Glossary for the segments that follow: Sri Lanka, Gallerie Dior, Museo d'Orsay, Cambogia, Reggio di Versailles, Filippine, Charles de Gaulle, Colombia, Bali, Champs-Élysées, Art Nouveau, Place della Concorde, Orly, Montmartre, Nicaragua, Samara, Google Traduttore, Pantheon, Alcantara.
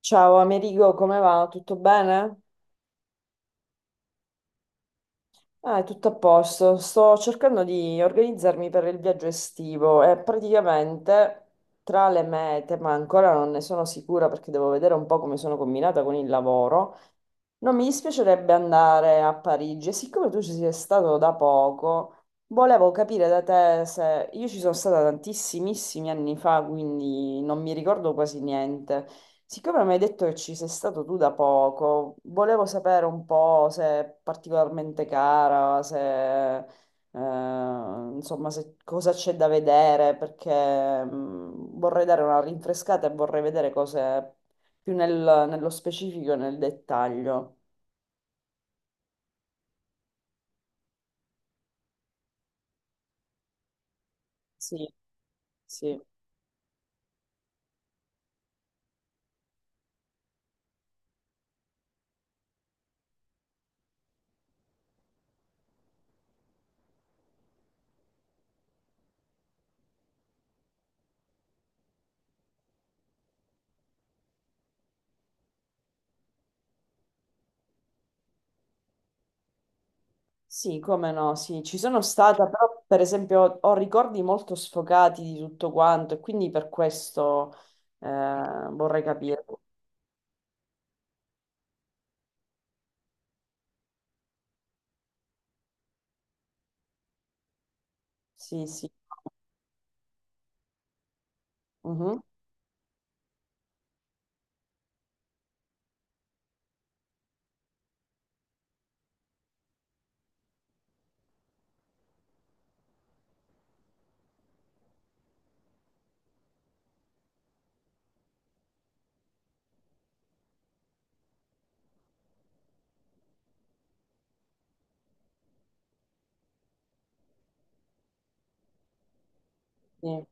Ciao Amerigo, come va? Tutto bene? Ah, è tutto a posto. Sto cercando di organizzarmi per il viaggio estivo e praticamente tra le mete, ma ancora non ne sono sicura perché devo vedere un po' come sono combinata con il lavoro. Non mi dispiacerebbe andare a Parigi e siccome tu ci sei stato da poco, volevo capire da te se io ci sono stata tantissimissimi anni fa, quindi non mi ricordo quasi niente. Siccome mi hai detto che ci sei stato tu da poco, volevo sapere un po' se è particolarmente cara, se insomma cosa c'è da vedere, perché vorrei dare una rinfrescata e vorrei vedere cose più nello specifico e nel dettaglio. Sì, sì, sì, come no, sì, ci sono stata, però per esempio ho ricordi molto sfocati di tutto quanto e quindi per questo vorrei capire. Sì, sì. Mhm, sì.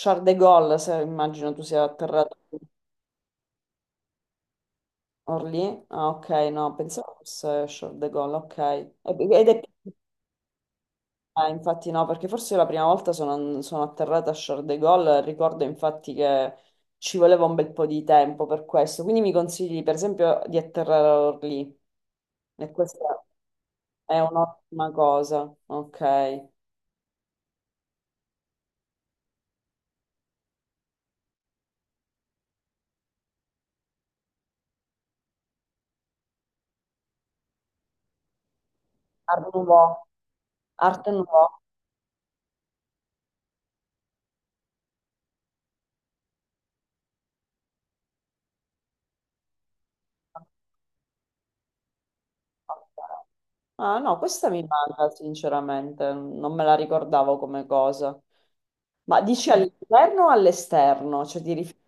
Charles de Gaulle, se immagino tu sia atterrato a Orly. Ah, ok, no, pensavo fosse Charles de Gaulle, ok. Ed è, eh, infatti no, perché forse la prima volta sono atterrata a Charles de Gaulle, ricordo infatti che ci voleva un bel po' di tempo per questo, quindi mi consigli per esempio di atterrare a Orly e questa è un'ottima cosa, ok. Art Nouveau, Art Nouveau. Ok. Ah no, questa mi manca sinceramente, non me la ricordavo come cosa. Ma dici all'interno o all'esterno? Cioè ti riferisci.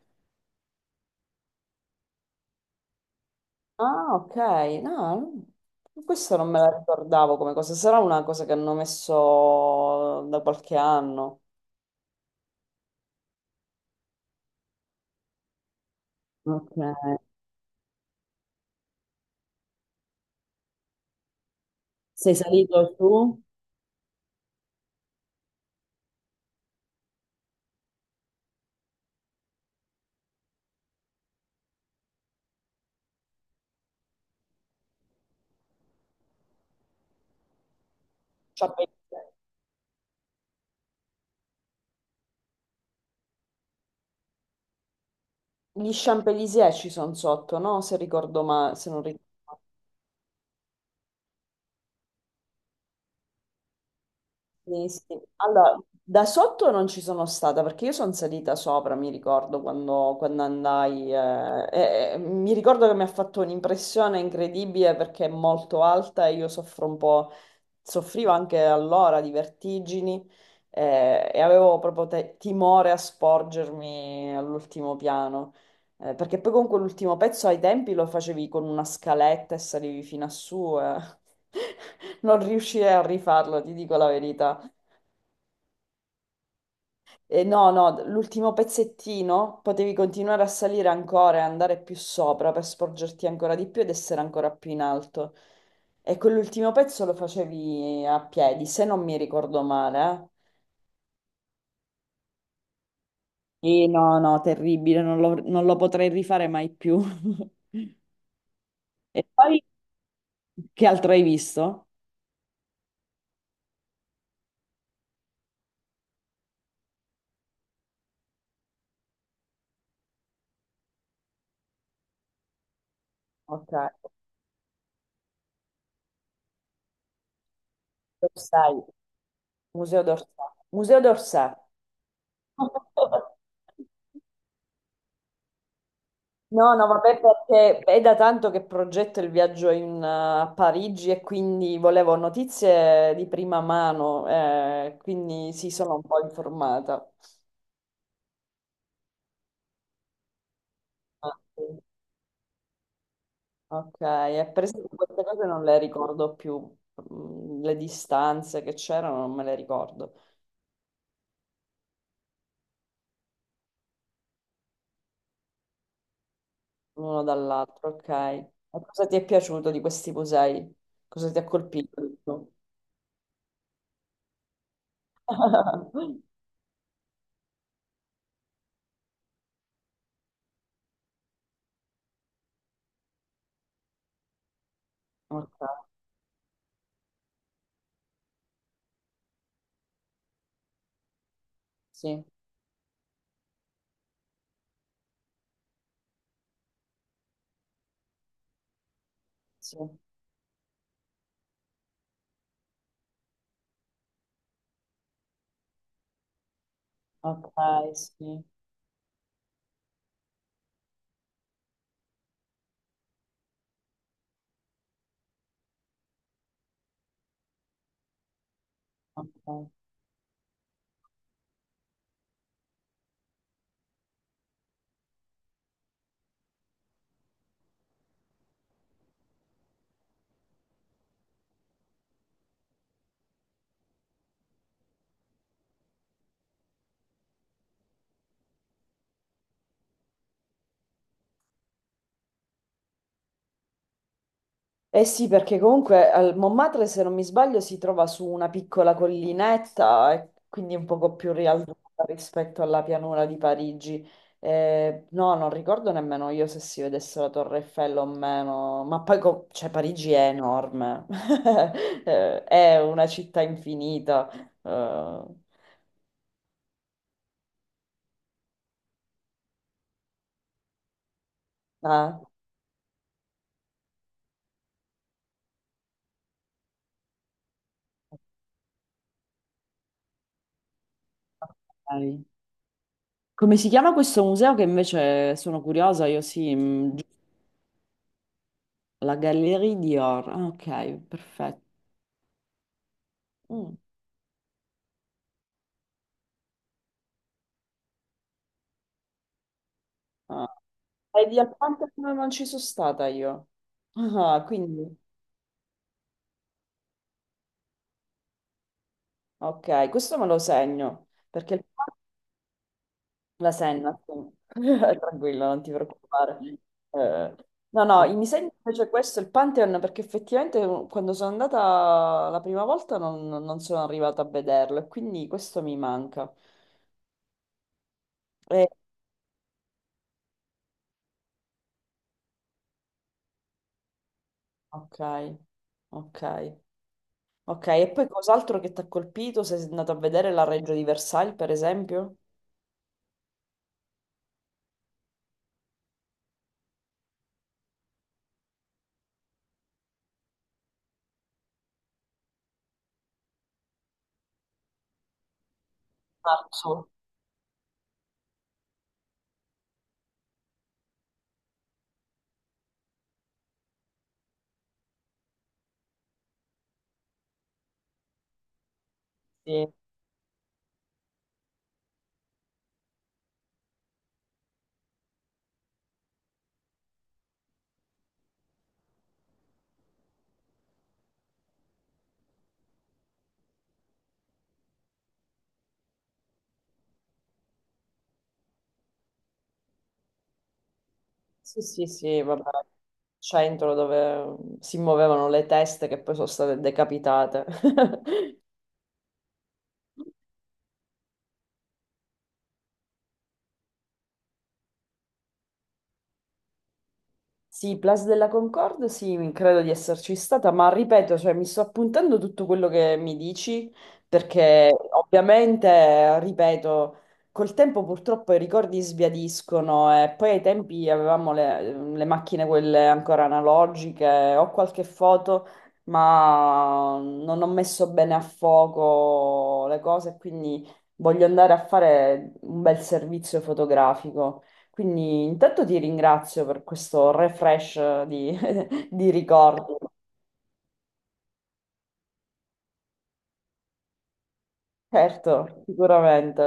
Ah, ok, no, questo non me la ricordavo come cosa, sarà una cosa che hanno messo da qualche anno. Ok. Sei salito su? Champs- Gli Champs-Élysées ci sono sotto, no? Se ricordo ma se non ricordo. Sì, sì. Allora, da sotto non ci sono stata perché io sono salita sopra, mi ricordo quando andai, e mi ricordo che mi ha fatto un'impressione incredibile perché è molto alta e io soffro un po', soffrivo anche allora di vertigini, e avevo proprio timore a sporgermi all'ultimo piano. Perché poi comunque l'ultimo pezzo ai tempi lo facevi con una scaletta e salivi fino a su, eh. Non riuscirei a rifarlo, ti dico la verità. E no, no, l'ultimo pezzettino potevi continuare a salire ancora e andare più sopra per sporgerti ancora di più ed essere ancora più in alto. E quell'ultimo pezzo lo facevi a piedi, se non mi ricordo male, eh. Sì, no, no, terribile, non lo potrei rifare mai più. E poi, che altro hai visto? Ok, Museo d'Orsay. Museo d'Orsay. Museo d'Orsay. No, no, vabbè, perché è da tanto che progetto il viaggio in, a Parigi e quindi volevo notizie di prima mano, quindi sì, sono un po' informata. Ah, sì. Ok, e per esempio queste cose non le ricordo più. Mm, le distanze che c'erano non me le ricordo, l'uno dall'altro, ok. E cosa ti è piaciuto di questi musei? Cosa ti ha colpito di più? Ok, sì, sì, ok, sì, ok. Eh sì, perché comunque al Montmartre, se non mi sbaglio, si trova su una piccola collinetta e quindi un poco più rialzata rispetto alla pianura di Parigi. No, non ricordo nemmeno io se si vedesse la Torre Eiffel o meno, ma poi cioè, Parigi è enorme. È una città infinita. Eh, ah, ok. Come si chiama questo museo che invece sono curiosa, io sì, la Gallerie Dior. Ah, ok, perfetto. Mm. Ah, ai di Alcantara non ci sono stata io. Ah, quindi, ok, questo me lo segno, perché la senna, sì. Tranquillo, non ti preoccupare. Eh, no, no, mi segno invece questo, il Pantheon, perché effettivamente quando sono andata la prima volta non sono arrivata a vederlo, e quindi questo mi manca. Eh, ok, ok, ok, e poi cos'altro che ti ha colpito? Sei andato a vedere la Reggio di Versailles, per esempio? Marzo. Sì, sì, sì, sì, vabbè. Centro dove si muovevano le teste che poi sono state decapitate. Sì, Place della Concorde, sì, credo di esserci stata, ma ripeto, cioè, mi sto appuntando tutto quello che mi dici, perché ovviamente, ripeto, col tempo purtroppo i ricordi sbiadiscono e poi ai tempi avevamo le macchine quelle ancora analogiche, ho qualche foto, ma non ho messo bene a fuoco le cose, quindi voglio andare a fare un bel servizio fotografico. Quindi intanto ti ringrazio per questo refresh di, di ricordi. Certo, sicuramente.